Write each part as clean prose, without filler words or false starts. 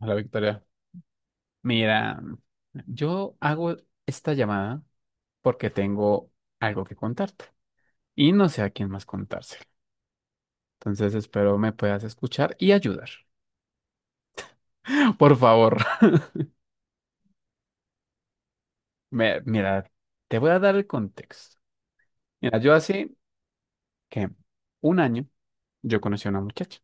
Hola, Victoria. Mira, yo hago esta llamada porque tengo algo que contarte y no sé a quién más contárselo. Entonces espero me puedas escuchar y ayudar. Por favor. Mira, te voy a dar el contexto. Mira, yo hace que un año yo conocí a una muchacha.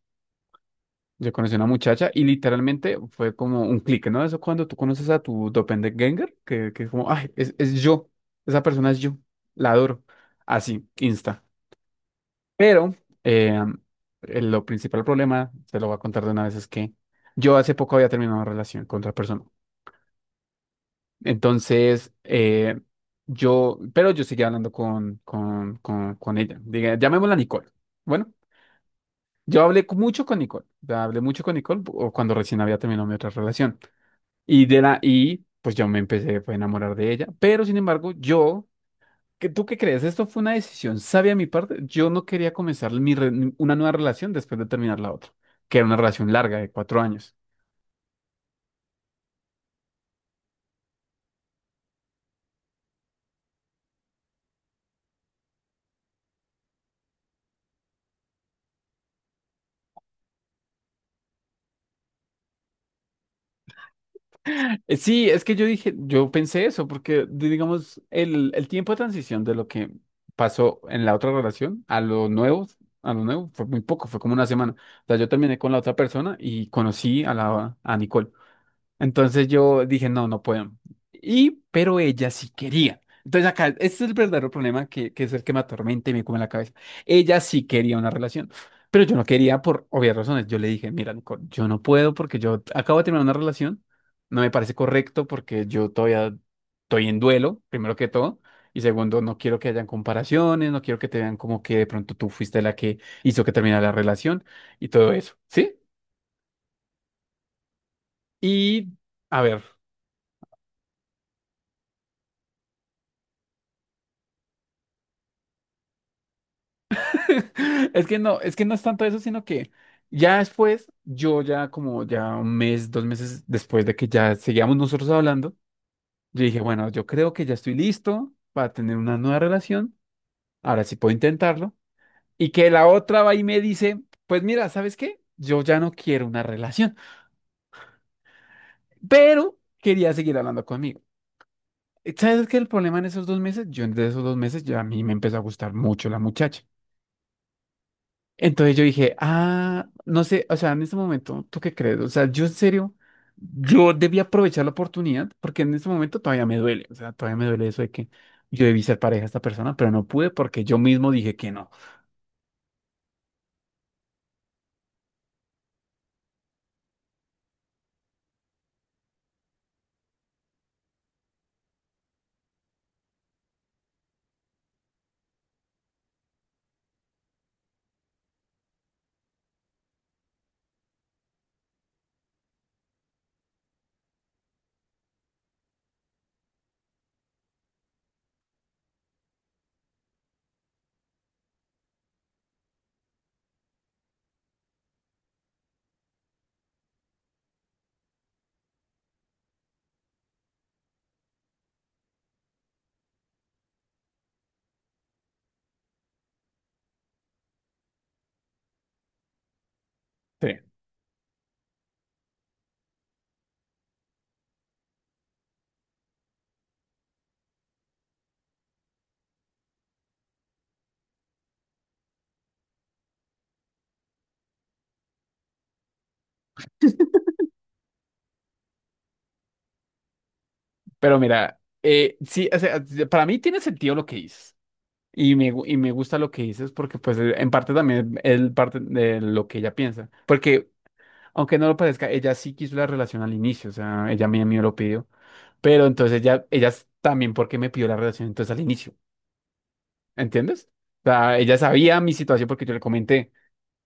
Yo conocí a una muchacha y literalmente fue como un clic, ¿no? Eso cuando tú conoces a tu doppelganger, que es como, ay, es yo, esa persona es yo, la adoro. Así, insta. Pero eh, lo principal problema, se lo voy a contar de una vez, es que yo hace poco había terminado una relación con otra persona. Entonces, pero yo seguía hablando con ella. Diga, llamémosla Nicole. Bueno, yo hablé mucho con Nicole. Ya hablé mucho con Nicole o cuando recién había terminado mi otra relación. Y de la, pues yo me empecé pues, a enamorar de ella. Pero sin embargo, ¿Tú qué crees? ¿Esto fue una decisión sabia de mi parte? Yo no quería comenzar una nueva relación después de terminar la otra, que era una relación larga de 4 años. Sí, es que yo dije, yo pensé eso, porque digamos, el tiempo de transición de lo que pasó en la otra relación a lo nuevo fue muy poco, fue como una semana. O sea, yo terminé con la otra persona y conocí a la a Nicole. Entonces yo dije, no, no puedo. Y, pero ella sí quería. Entonces acá, este es el verdadero problema que es el que me atormenta y me come la cabeza. Ella sí quería una relación, pero yo no quería por obvias razones. Yo le dije, mira, Nicole, yo no puedo porque yo acabo de terminar una relación, no me parece correcto porque yo todavía estoy en duelo, primero que todo. Y segundo, no quiero que hayan comparaciones, no quiero que te vean como que de pronto tú fuiste la que hizo que terminara la relación y todo eso, ¿sí? Y a ver. Es que no, es que no es tanto eso, sino que ya después, yo ya como ya un mes, 2 meses después de que ya seguíamos nosotros hablando, yo dije, bueno, yo creo que ya estoy listo para tener una nueva relación, ahora sí puedo intentarlo. Y que la otra va y me dice, pues mira, ¿sabes qué? Yo ya no quiero una relación, pero quería seguir hablando conmigo. ¿Sabes qué? El problema en esos 2 meses, yo en esos 2 meses ya a mí me empezó a gustar mucho la muchacha. Entonces yo dije, ah, no sé, o sea, en este momento, ¿tú qué crees? O sea, yo en serio, yo debí aprovechar la oportunidad porque en este momento todavía me duele, o sea, todavía me duele eso de que yo debí ser pareja a esta persona, pero no pude porque yo mismo dije que no. Sí, pero mira, sí, o sea, para mí tiene sentido lo que dices y y me gusta lo que dices porque pues en parte también es parte de lo que ella piensa, porque aunque no lo parezca, ella sí quiso la relación al inicio, o sea, ella a mí me lo pidió. Pero entonces ella también porque me pidió la relación entonces al inicio, ¿entiendes? O sea, ella sabía mi situación porque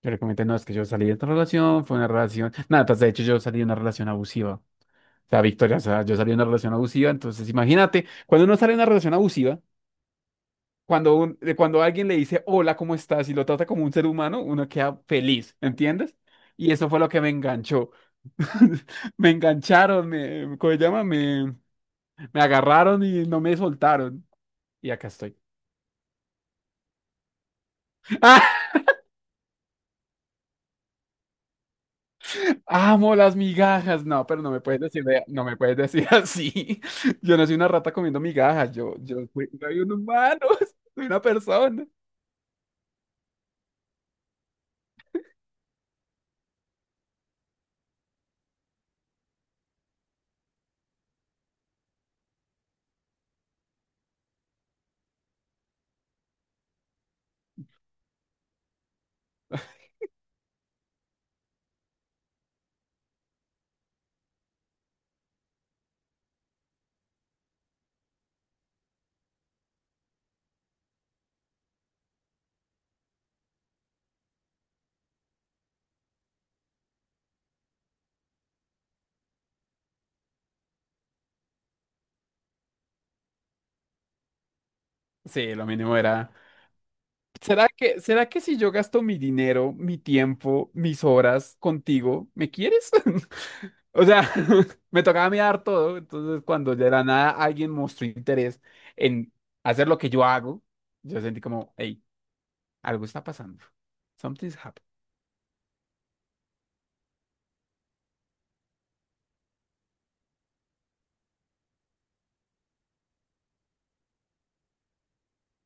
yo le comenté, no, es que yo salí de esta relación, fue una relación, nada, pues, de hecho yo salí de una relación abusiva, o sea, Victoria, o sea, yo salí de una relación abusiva, entonces imagínate, cuando uno sale de una relación abusiva, cuando, cuando alguien le dice, hola, ¿cómo estás? Y lo trata como un ser humano, uno queda feliz, ¿entiendes? Y eso fue lo que me enganchó. Me engancharon, me, ¿cómo se llama? Me agarraron y no me soltaron. Y acá estoy. ¡Ah! Amo las migajas. No, pero no me puedes decir, no me puedes decir así. Yo no soy una rata comiendo migajas. Soy un humano, soy una persona. Sí, lo mínimo era. ¿Será que si yo gasto mi dinero, mi tiempo, mis horas contigo, ¿me quieres? O sea, me tocaba mirar todo. Entonces, cuando de la nada alguien mostró interés en hacer lo que yo hago, yo sentí como, hey, algo está pasando. Something's happening.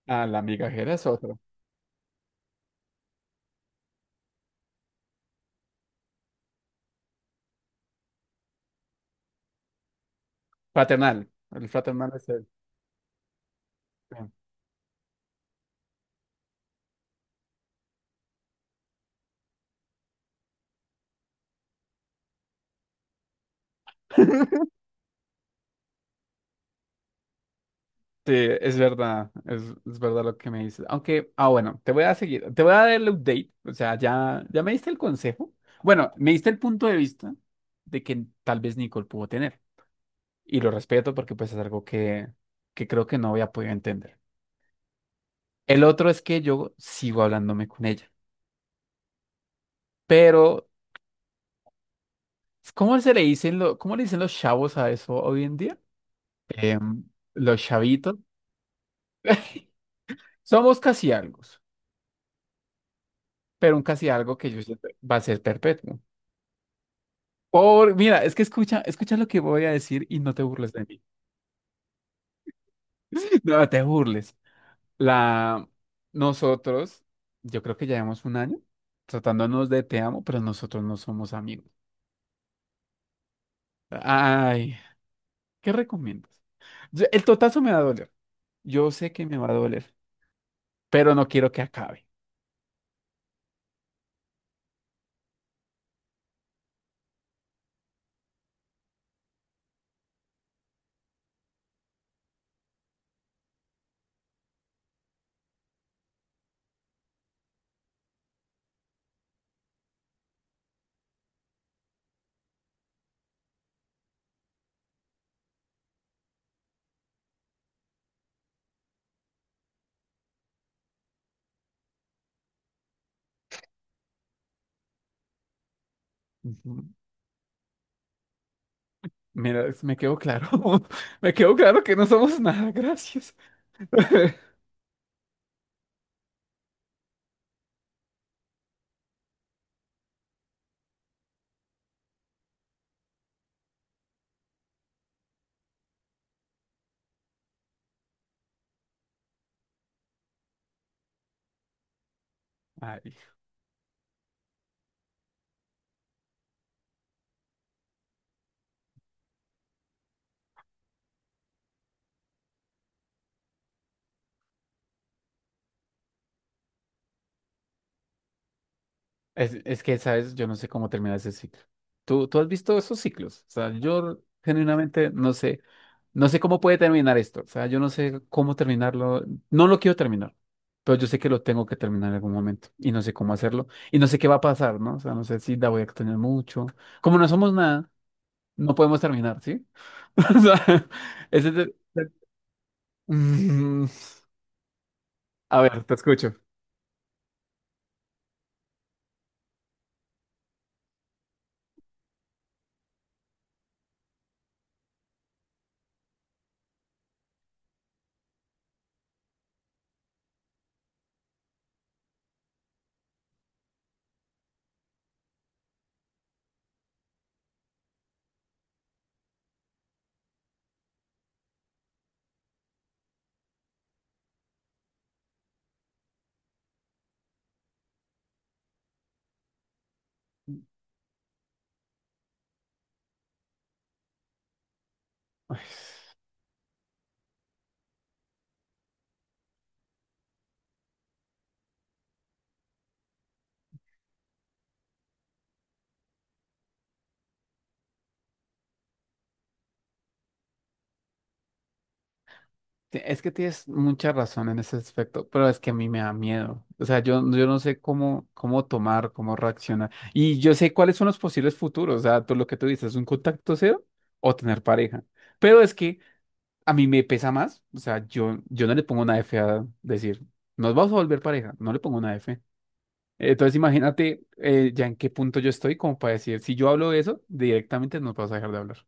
Ah, la migajera es otro. Fraternal. El fraternal es el. Sí, sí, es verdad, es verdad lo que me dices. Aunque, ah, bueno, te voy a seguir, te voy a dar el update, o sea, ya, ya me diste el consejo. Bueno, me diste el punto de vista de que tal vez Nicole pudo tener, y lo respeto porque pues es algo que creo que no había podido entender. El otro es que yo sigo hablándome con ella, pero ¿cómo le dicen los chavos a eso hoy en día? Em, los chavitos. Somos casi algo, pero un casi algo que yo siento va a ser perpetuo. Mira, es que escucha, escucha lo que voy a decir y no te burles de mí. No te burles. La, nosotros, yo creo que llevamos un año tratándonos de te amo, pero nosotros no somos amigos. Ay, ¿qué recomiendas? El totazo me va a doler. Yo sé que me va a doler, pero no quiero que acabe. Ujú. Mira, me quedó claro. Me quedó claro que no somos nada, gracias. Ay. Es que, ¿sabes? Yo no sé cómo termina ese ciclo. ¿Tú has visto esos ciclos? O sea, yo genuinamente no sé, cómo puede terminar esto. O sea, yo no sé cómo terminarlo. No lo quiero terminar, pero yo sé que lo tengo que terminar en algún momento y no sé cómo hacerlo y no sé qué va a pasar, ¿no? O sea, no sé si la voy a extrañar mucho. Como no somos nada, no podemos terminar, ¿sí? O sea, ese es el- Mm, a ver, te escucho. Es que tienes mucha razón en ese aspecto, pero es que a mí me da miedo. O sea, yo no sé cómo tomar, cómo reaccionar. Y yo sé cuáles son los posibles futuros. O sea, tú lo que tú dices, un contacto cero o tener pareja. Pero es que a mí me pesa más. O sea, yo no le pongo una F a decir, nos vamos a volver pareja. No le pongo una F. Entonces, imagínate ya en qué punto yo estoy como para decir, si yo hablo de eso, directamente nos vas a dejar de hablar.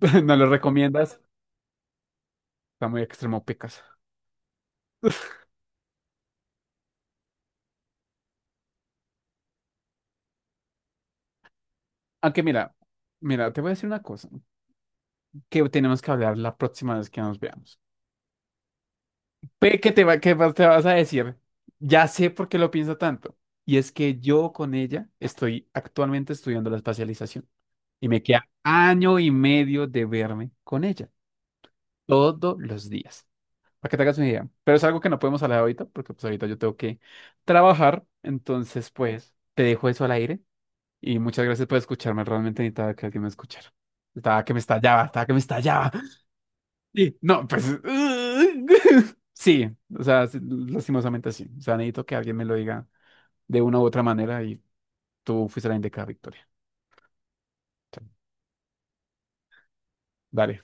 ¿No lo recomiendas? Está muy extremo, pecas. Aunque mira, mira, te voy a decir una cosa que tenemos que hablar la próxima vez que nos veamos. Ve que te va, te vas a decir, ya sé por qué lo pienso tanto. Y es que yo con ella estoy actualmente estudiando la especialización y me queda año y medio de verme con ella todos los días. Para que te hagas una idea. Pero es algo que no podemos hablar ahorita porque pues ahorita yo tengo que trabajar. Entonces, pues te dejo eso al aire y muchas gracias por escucharme. Realmente necesitaba que alguien me escuchara. Estaba que me estallaba, estaba que me estallaba. Sí, no, pues sí, o sea, sí, lastimosamente sí. O sea, necesito que alguien me lo diga de una u otra manera y tú fuiste la indicada, Victoria. O sea, dale.